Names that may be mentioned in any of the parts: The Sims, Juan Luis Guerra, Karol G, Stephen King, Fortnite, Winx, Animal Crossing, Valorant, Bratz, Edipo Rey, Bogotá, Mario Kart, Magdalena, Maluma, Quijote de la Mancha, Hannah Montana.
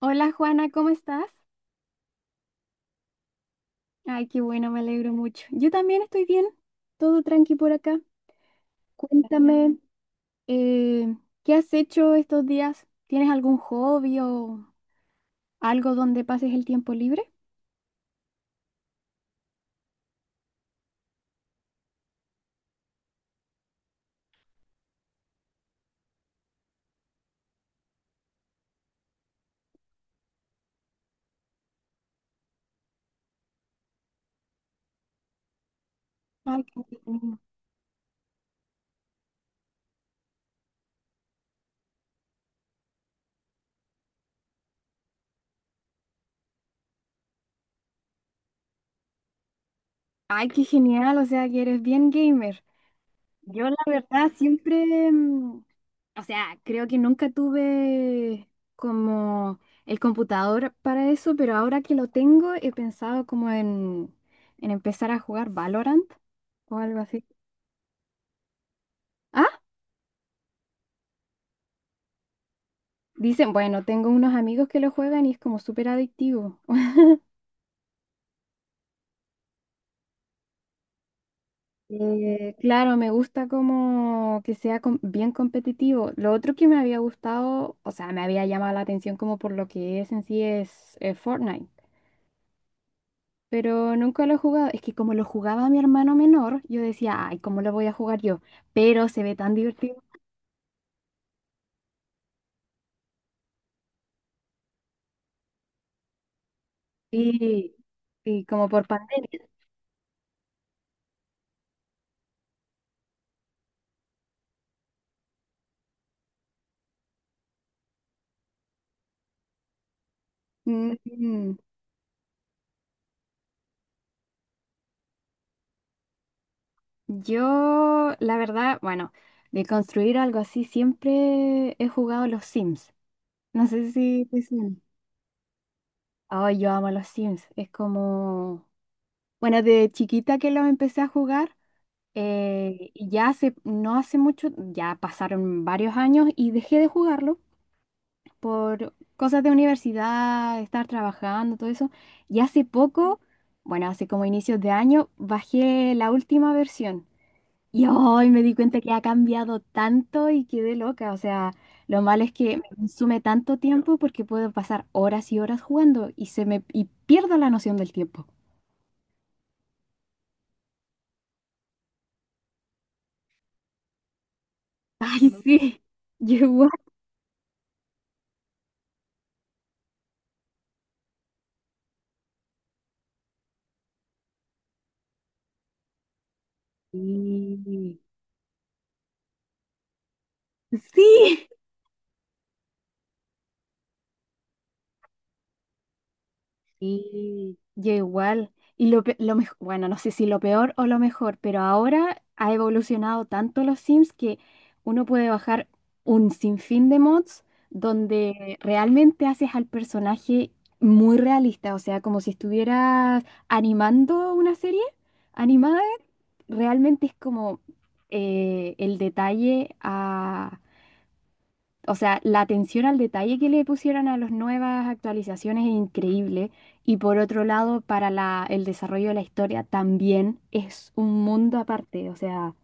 Hola Juana, ¿cómo estás? Ay, qué bueno, me alegro mucho. Yo también estoy bien, todo tranqui por acá. Cuéntame, eh, ¿qué has hecho estos días? ¿Tienes algún hobby o algo donde pases el tiempo libre? Ay, qué entretenido. Ay, qué genial, o sea que eres bien gamer. Yo la verdad siempre, o sea, creo que nunca tuve como el computador para eso, pero ahora que lo tengo he pensado como en empezar a jugar Valorant o algo así. Ah, dicen, bueno, tengo unos amigos que lo juegan y es como súper adictivo. Claro, me gusta como que sea bien competitivo. Lo otro que me había gustado, o sea, me había llamado la atención como por lo que es en sí es Fortnite. Pero nunca lo he jugado. Es que como lo jugaba mi hermano menor, yo decía, ay, ¿cómo lo voy a jugar yo? Pero se ve tan divertido. Sí, sí, como por pandemia. Mm, yo, la verdad, bueno, de construir algo así, siempre he jugado los Sims. No sé si te suena. Ay, yo amo los Sims. Es como, bueno, de chiquita que los empecé a jugar. Y ya hace, no hace mucho, ya pasaron varios años y dejé de jugarlo por cosas de universidad, estar trabajando, todo eso. Y hace poco, bueno, hace como inicios de año, bajé la última versión. Y hoy me di cuenta que ha cambiado tanto y quedé loca. O sea, lo malo es que me consume tanto tiempo porque puedo pasar horas y horas jugando y se me y pierdo la noción del tiempo. Ay, sí, yo igual. Sí. Sí. Sí, yo igual. Y lo, pe- lo mej- bueno, no sé si lo peor o lo mejor, pero ahora ha evolucionado tanto los Sims que uno puede bajar un sinfín de mods donde realmente haces al personaje muy realista, o sea, como si estuvieras animando una serie animada, realmente es como el detalle, o sea, la atención al detalle que le pusieron a las nuevas actualizaciones es increíble. Y por otro lado, para el desarrollo de la historia también es un mundo aparte. O sea,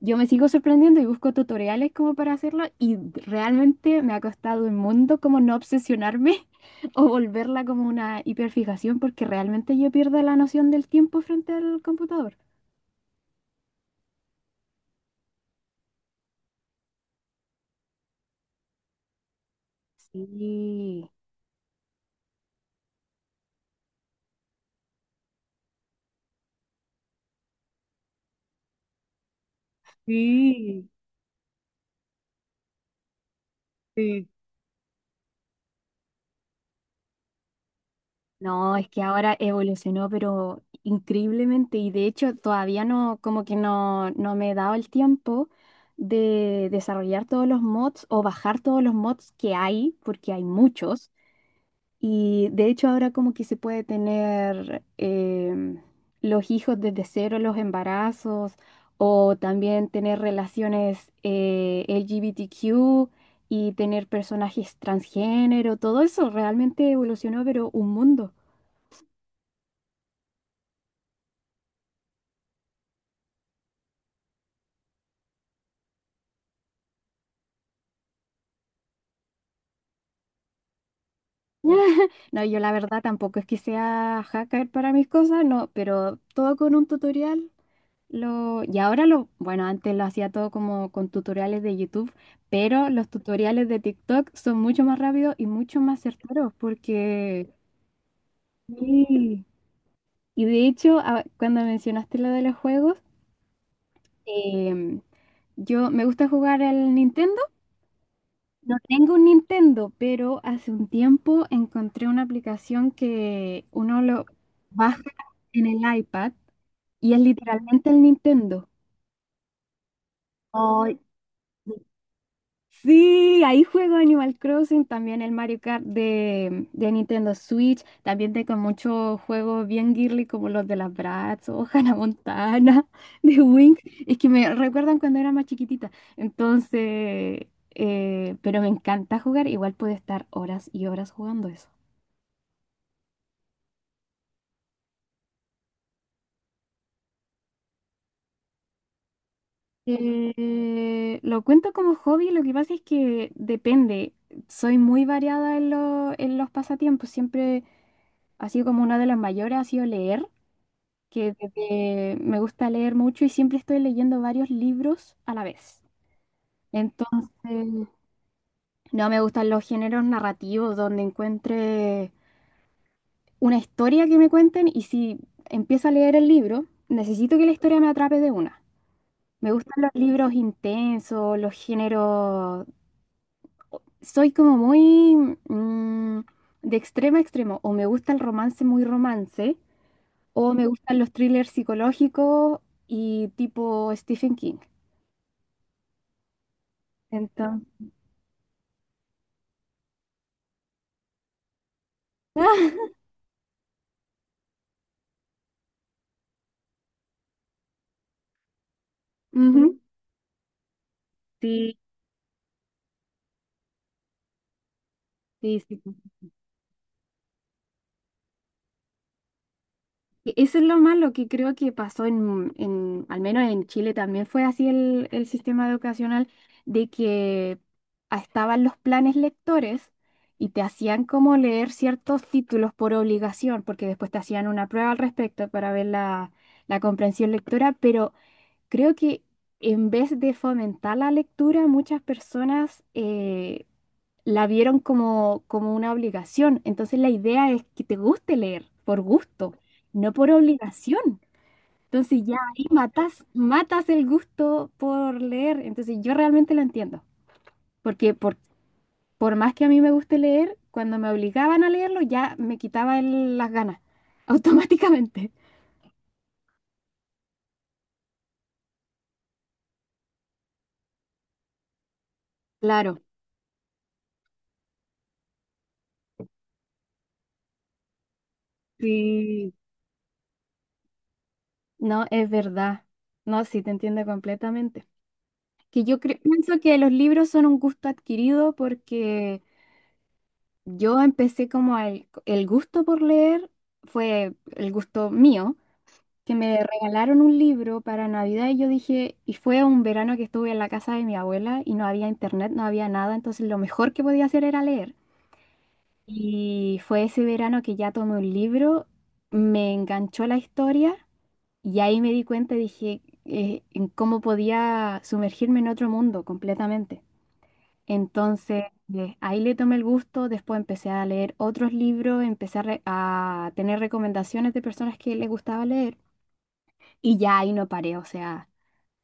yo me sigo sorprendiendo y busco tutoriales como para hacerlo y realmente me ha costado un mundo como no obsesionarme o volverla como una hiperfijación porque realmente yo pierdo la noción del tiempo frente al computador. Sí. Sí, sí. No, es que ahora evolucionó, pero increíblemente, y de hecho todavía no, como que no me he dado el tiempo de desarrollar todos los mods o bajar todos los mods que hay, porque hay muchos, y de hecho ahora como que se puede tener los hijos desde cero, los embarazos, o también tener relaciones LGBTQ y tener personajes transgénero, todo eso realmente evolucionó, pero un mundo. No, yo la verdad tampoco es que sea hacker para mis cosas, no, pero todo con un tutorial. Lo, y ahora lo, bueno, antes lo hacía todo como con tutoriales de YouTube, pero los tutoriales de TikTok son mucho más rápidos y mucho más certeros porque... Sí. Y de hecho, cuando mencionaste lo de los juegos, em, yo me gusta jugar el Nintendo. No tengo un Nintendo, pero hace un tiempo encontré una aplicación que uno lo baja en el iPad y es literalmente el Nintendo. Sí, ahí juego Animal Crossing, también el Mario Kart de Nintendo Switch, también tengo muchos juegos bien girly como los de las Bratz o Hannah Montana, de Winx, es que me recuerdan cuando era más chiquitita, entonces, pero me encanta jugar, igual puedo estar horas y horas jugando. Lo cuento como hobby, lo que pasa es que depende. Soy muy variada en, en los pasatiempos. Siempre ha sido como una de las mayores, ha sido leer, que me gusta leer mucho y siempre estoy leyendo varios libros a la vez. Entonces, no me gustan los géneros narrativos donde encuentre una historia que me cuenten y si empiezo a leer el libro, necesito que la historia me atrape de una. Me gustan los libros intensos, los géneros soy como muy mm, de extremo a extremo. O me gusta el romance muy romance, o me gustan los thrillers psicológicos y tipo Stephen King. Entonces, ujú, sí, sí, sí. Eso es lo malo que creo que pasó en, al menos en Chile también fue así el sistema educacional, de que ah, estaban los planes lectores y te hacían como leer ciertos títulos por obligación, porque después te hacían una prueba al respecto para ver la comprensión lectora, pero creo que en vez de fomentar la lectura, muchas personas la vieron como, como una obligación. Entonces la idea es que te guste leer por gusto, no por obligación. Entonces ya ahí matas el gusto por leer. Entonces yo realmente lo entiendo, porque por más que a mí me guste leer, cuando me obligaban a leerlo ya me quitaba las ganas automáticamente. Claro, sí, no, es verdad. No, sí, te entiendo completamente. Que yo pienso que los libros son un gusto adquirido porque yo empecé como el gusto por leer, fue el gusto mío, que me regalaron un libro para Navidad y yo dije, y fue un verano que estuve en la casa de mi abuela y no había internet, no había nada, entonces lo mejor que podía hacer era leer. Y fue ese verano que ya tomé un libro, me enganchó la historia y ahí me di cuenta, y dije, en cómo podía sumergirme en otro mundo completamente. Entonces, ahí le tomé el gusto, después empecé a leer otros libros, empecé a tener recomendaciones de personas que les gustaba leer y ya ahí no paré, o sea,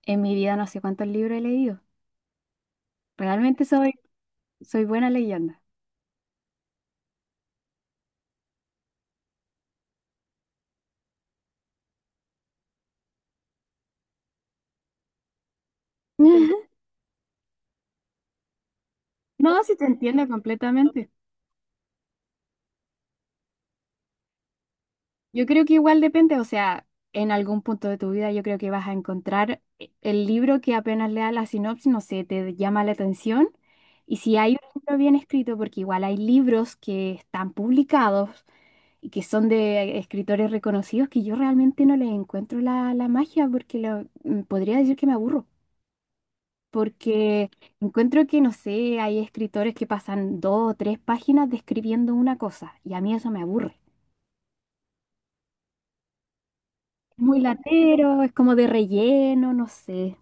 en mi vida no sé cuántos libros he leído. Realmente soy buena leyenda. No, sí te entiendo completamente. Yo creo que igual depende, o sea, en algún punto de tu vida yo creo que vas a encontrar el libro que apenas lea la sinopsis, no sé, te llama la atención. Y si hay un libro bien escrito, porque igual hay libros que están publicados y que son de escritores reconocidos que yo realmente no les encuentro la magia, porque podría decir que me aburro, porque encuentro que, no sé, hay escritores que pasan 2 o 3 páginas describiendo una cosa y a mí eso me aburre. Muy latero, es como de relleno, no sé.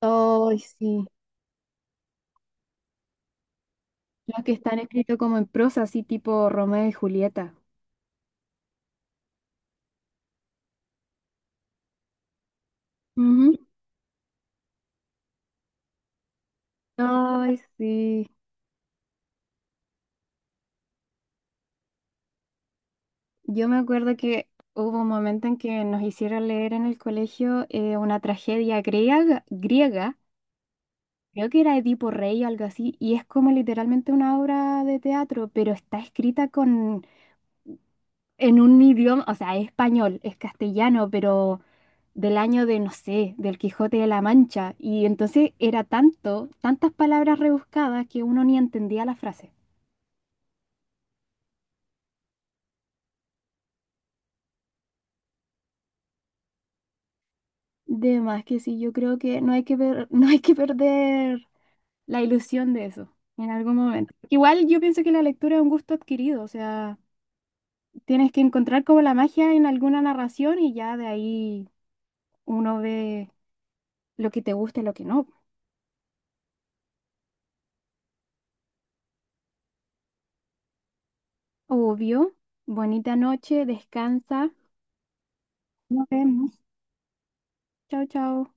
Ay, sí. Los que están escritos como en prosa, así tipo Romeo y Julieta. Ujú. Ay, sí. Yo me acuerdo que hubo un momento en que nos hicieron leer en el colegio una tragedia griega, creo que era Edipo Rey o algo así, y es como literalmente una obra de teatro, pero está escrita con en un idioma, o sea, es español, es castellano, pero del año de, no sé, del Quijote de la Mancha. Y entonces era tantas palabras rebuscadas que uno ni entendía la frase. De más que sí, yo creo que no hay que no hay que perder la ilusión de eso en algún momento. Igual yo pienso que la lectura es un gusto adquirido, o sea, tienes que encontrar como la magia en alguna narración y ya de ahí uno ve lo que te gusta y lo que no. Obvio. Bonita noche, descansa. Nos vemos. Chao, chao.